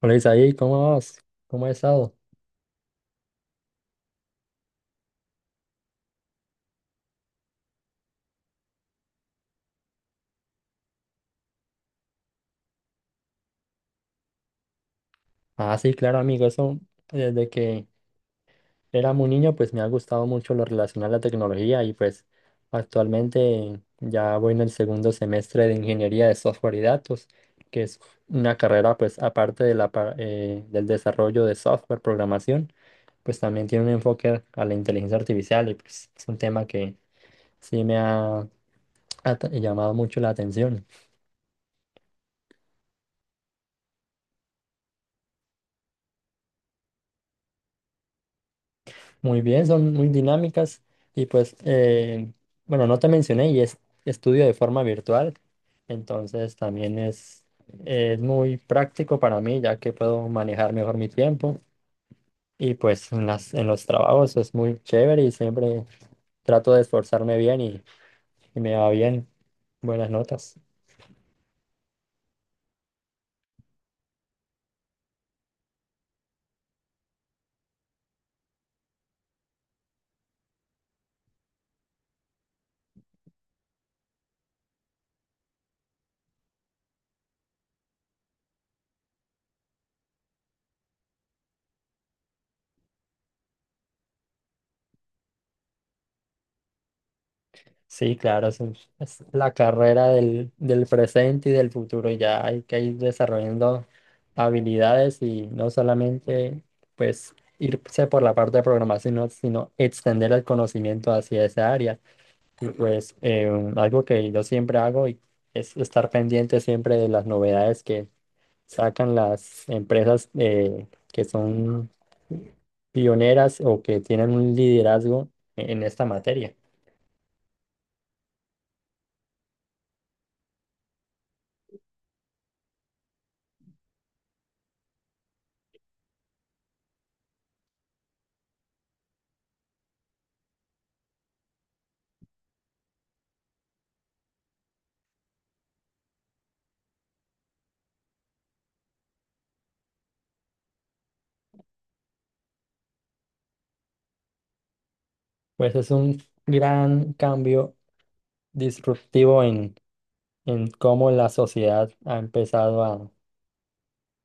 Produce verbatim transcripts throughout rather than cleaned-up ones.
Hola Isaí, ¿cómo vas? ¿Cómo has estado? Ah, sí, claro, amigo, eso desde que era muy niño, pues me ha gustado mucho lo relacionado a la tecnología y pues actualmente ya voy en el segundo semestre de ingeniería de software y datos, que es una carrera pues aparte de la, par- eh, del desarrollo de software, programación, pues también tiene un enfoque a la inteligencia artificial y pues es un tema que sí me ha ha t- llamado mucho la atención. Muy bien, son muy dinámicas y pues, eh, bueno, no te mencioné y es estudio de forma virtual, entonces también es, es muy práctico para mí ya que puedo manejar mejor mi tiempo y pues en las, en los trabajos es muy chévere y siempre trato de esforzarme bien y, y me va bien, buenas notas. Sí, claro, eso es, es la carrera del, del presente y del futuro. Ya hay que ir desarrollando habilidades y no solamente pues irse por la parte de programación, sino, sino extender el conocimiento hacia esa área. Y pues eh, algo que yo siempre hago y es estar pendiente siempre de las novedades que sacan las empresas eh, que son pioneras o que tienen un liderazgo en en esta materia. Pues es un gran cambio disruptivo en, en cómo la sociedad ha empezado a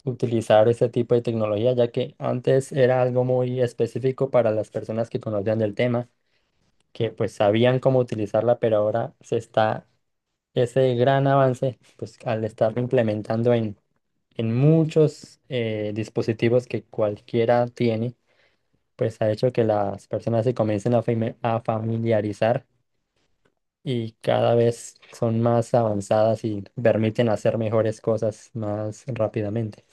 utilizar este tipo de tecnología, ya que antes era algo muy específico para las personas que conocían del tema, que pues sabían cómo utilizarla, pero ahora se está ese gran avance, pues al estarlo implementando en, en muchos eh, dispositivos que cualquiera tiene, pues ha hecho que las personas se comiencen a, fami- a familiarizar y cada vez son más avanzadas y permiten hacer mejores cosas más rápidamente.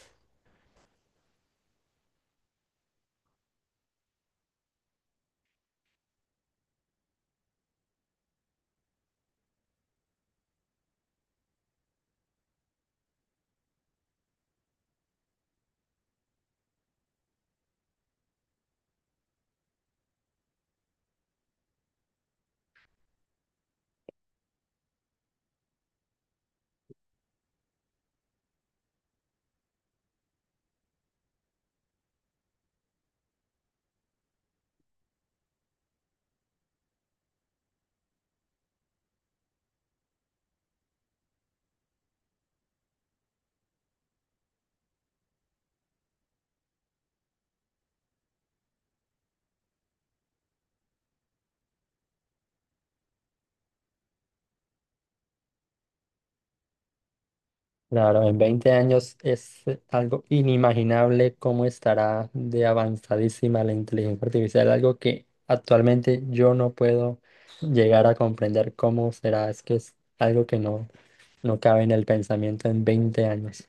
Claro, en veinte años es eh, algo inimaginable cómo estará de avanzadísima la inteligencia artificial, algo que actualmente yo no puedo llegar a comprender cómo será. Es que es algo que no, no cabe en el pensamiento en veinte años.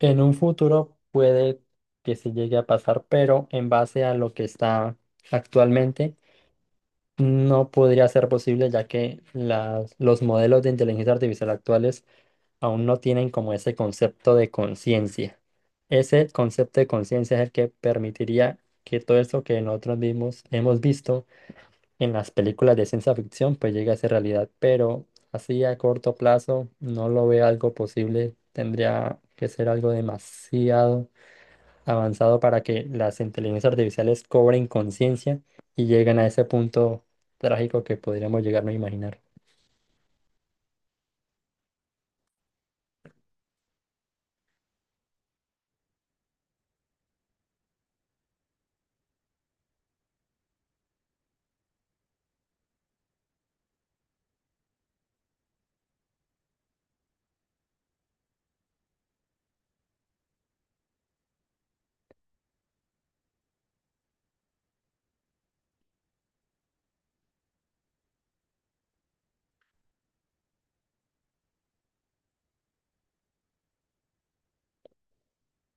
En un futuro puede que se llegue a pasar, pero en base a lo que está actualmente. No podría ser posible ya que las- los modelos de inteligencia artificial actuales aún no tienen como ese concepto de conciencia. Ese concepto de conciencia es el que permitiría que todo eso que nosotros mismos hemos visto en las películas de ciencia ficción pues llegue a ser realidad, pero así a corto plazo no lo veo algo posible, tendría que ser algo demasiado avanzado para que las inteligencias artificiales cobren conciencia y lleguen a ese punto trágico que podríamos llegarnos a imaginar.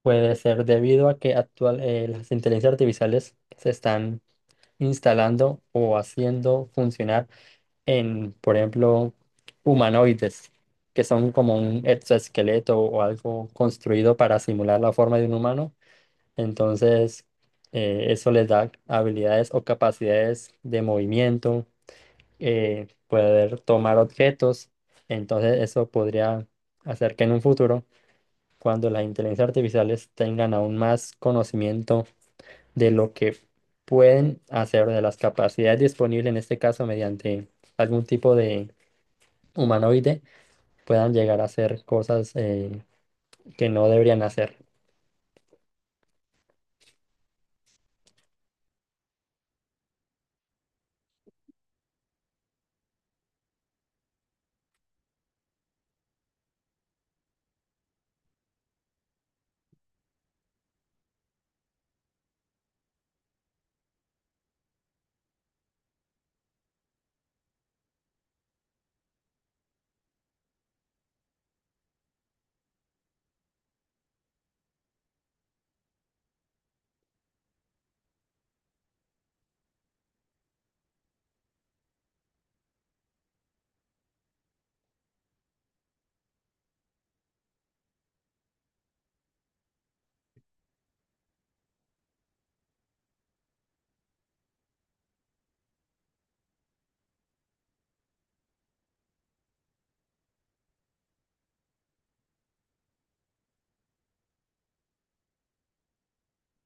Puede ser debido a que actual, eh, las inteligencias artificiales se están instalando o haciendo funcionar en, por ejemplo, humanoides, que son como un exoesqueleto o algo construido para simular la forma de un humano. Entonces, eh, eso les da habilidades o capacidades de movimiento eh, poder tomar objetos. Entonces eso podría hacer que en un futuro, cuando las inteligencias artificiales tengan aún más conocimiento de lo que pueden hacer, de las capacidades disponibles, en este caso mediante algún tipo de humanoide, puedan llegar a hacer cosas eh, que no deberían hacer.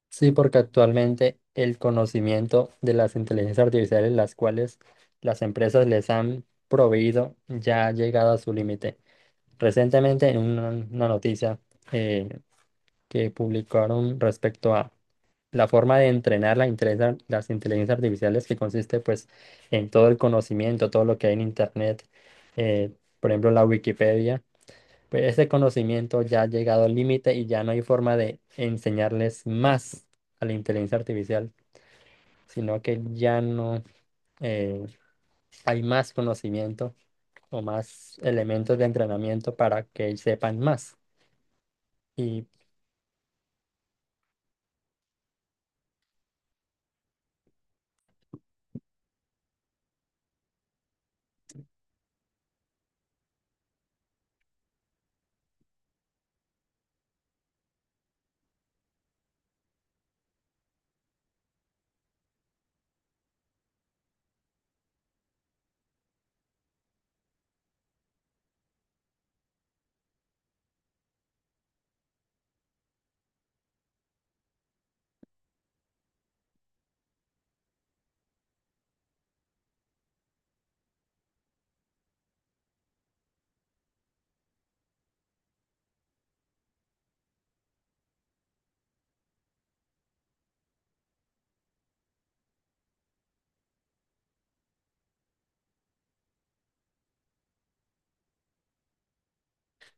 Sí, porque actualmente el conocimiento de las inteligencias artificiales, las cuales las empresas les han proveído, ya ha llegado a su límite. Recientemente, en una, una noticia eh, que publicaron respecto a la forma de entrenar la inteligencia- las inteligencias artificiales, que consiste pues en todo el conocimiento, todo lo que hay en Internet, eh, por ejemplo la Wikipedia, pues ese conocimiento ya ha llegado al límite y ya no hay forma de enseñarles más a la inteligencia artificial, sino que ya no eh, hay más conocimiento o más elementos de entrenamiento para que sepan más. Y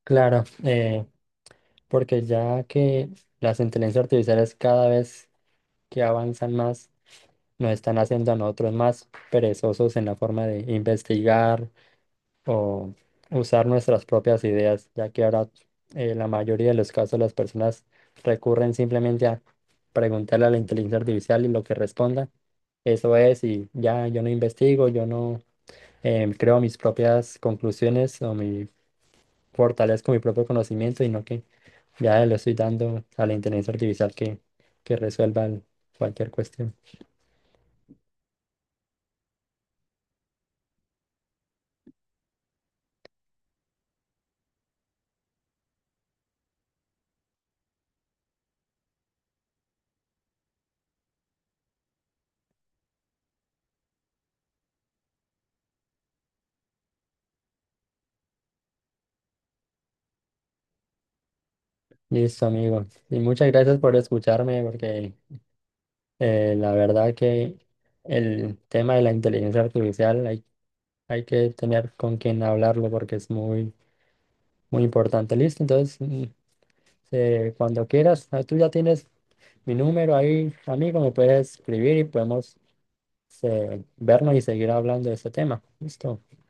claro, eh, porque ya que las inteligencias artificiales cada vez que avanzan más, nos están haciendo a nosotros más perezosos en la forma de investigar o usar nuestras propias ideas, ya que ahora eh, la mayoría de los casos las personas recurren simplemente a preguntarle a la inteligencia artificial y lo que responda, eso es, y ya yo no investigo, yo no eh, creo mis propias conclusiones o mi fortalezco mi propio conocimiento y no que ya le estoy dando a la inteligencia artificial que, que resuelva el- cualquier cuestión. Listo, amigo. Y muchas gracias por escucharme, porque eh, la verdad que el tema de la inteligencia artificial hay, hay que tener con quien hablarlo porque es muy, muy importante. Listo, entonces, mm, eh, cuando quieras, ah, tú ya tienes mi número ahí, amigo, me puedes escribir y podemos eh, vernos y seguir hablando de este tema. Listo.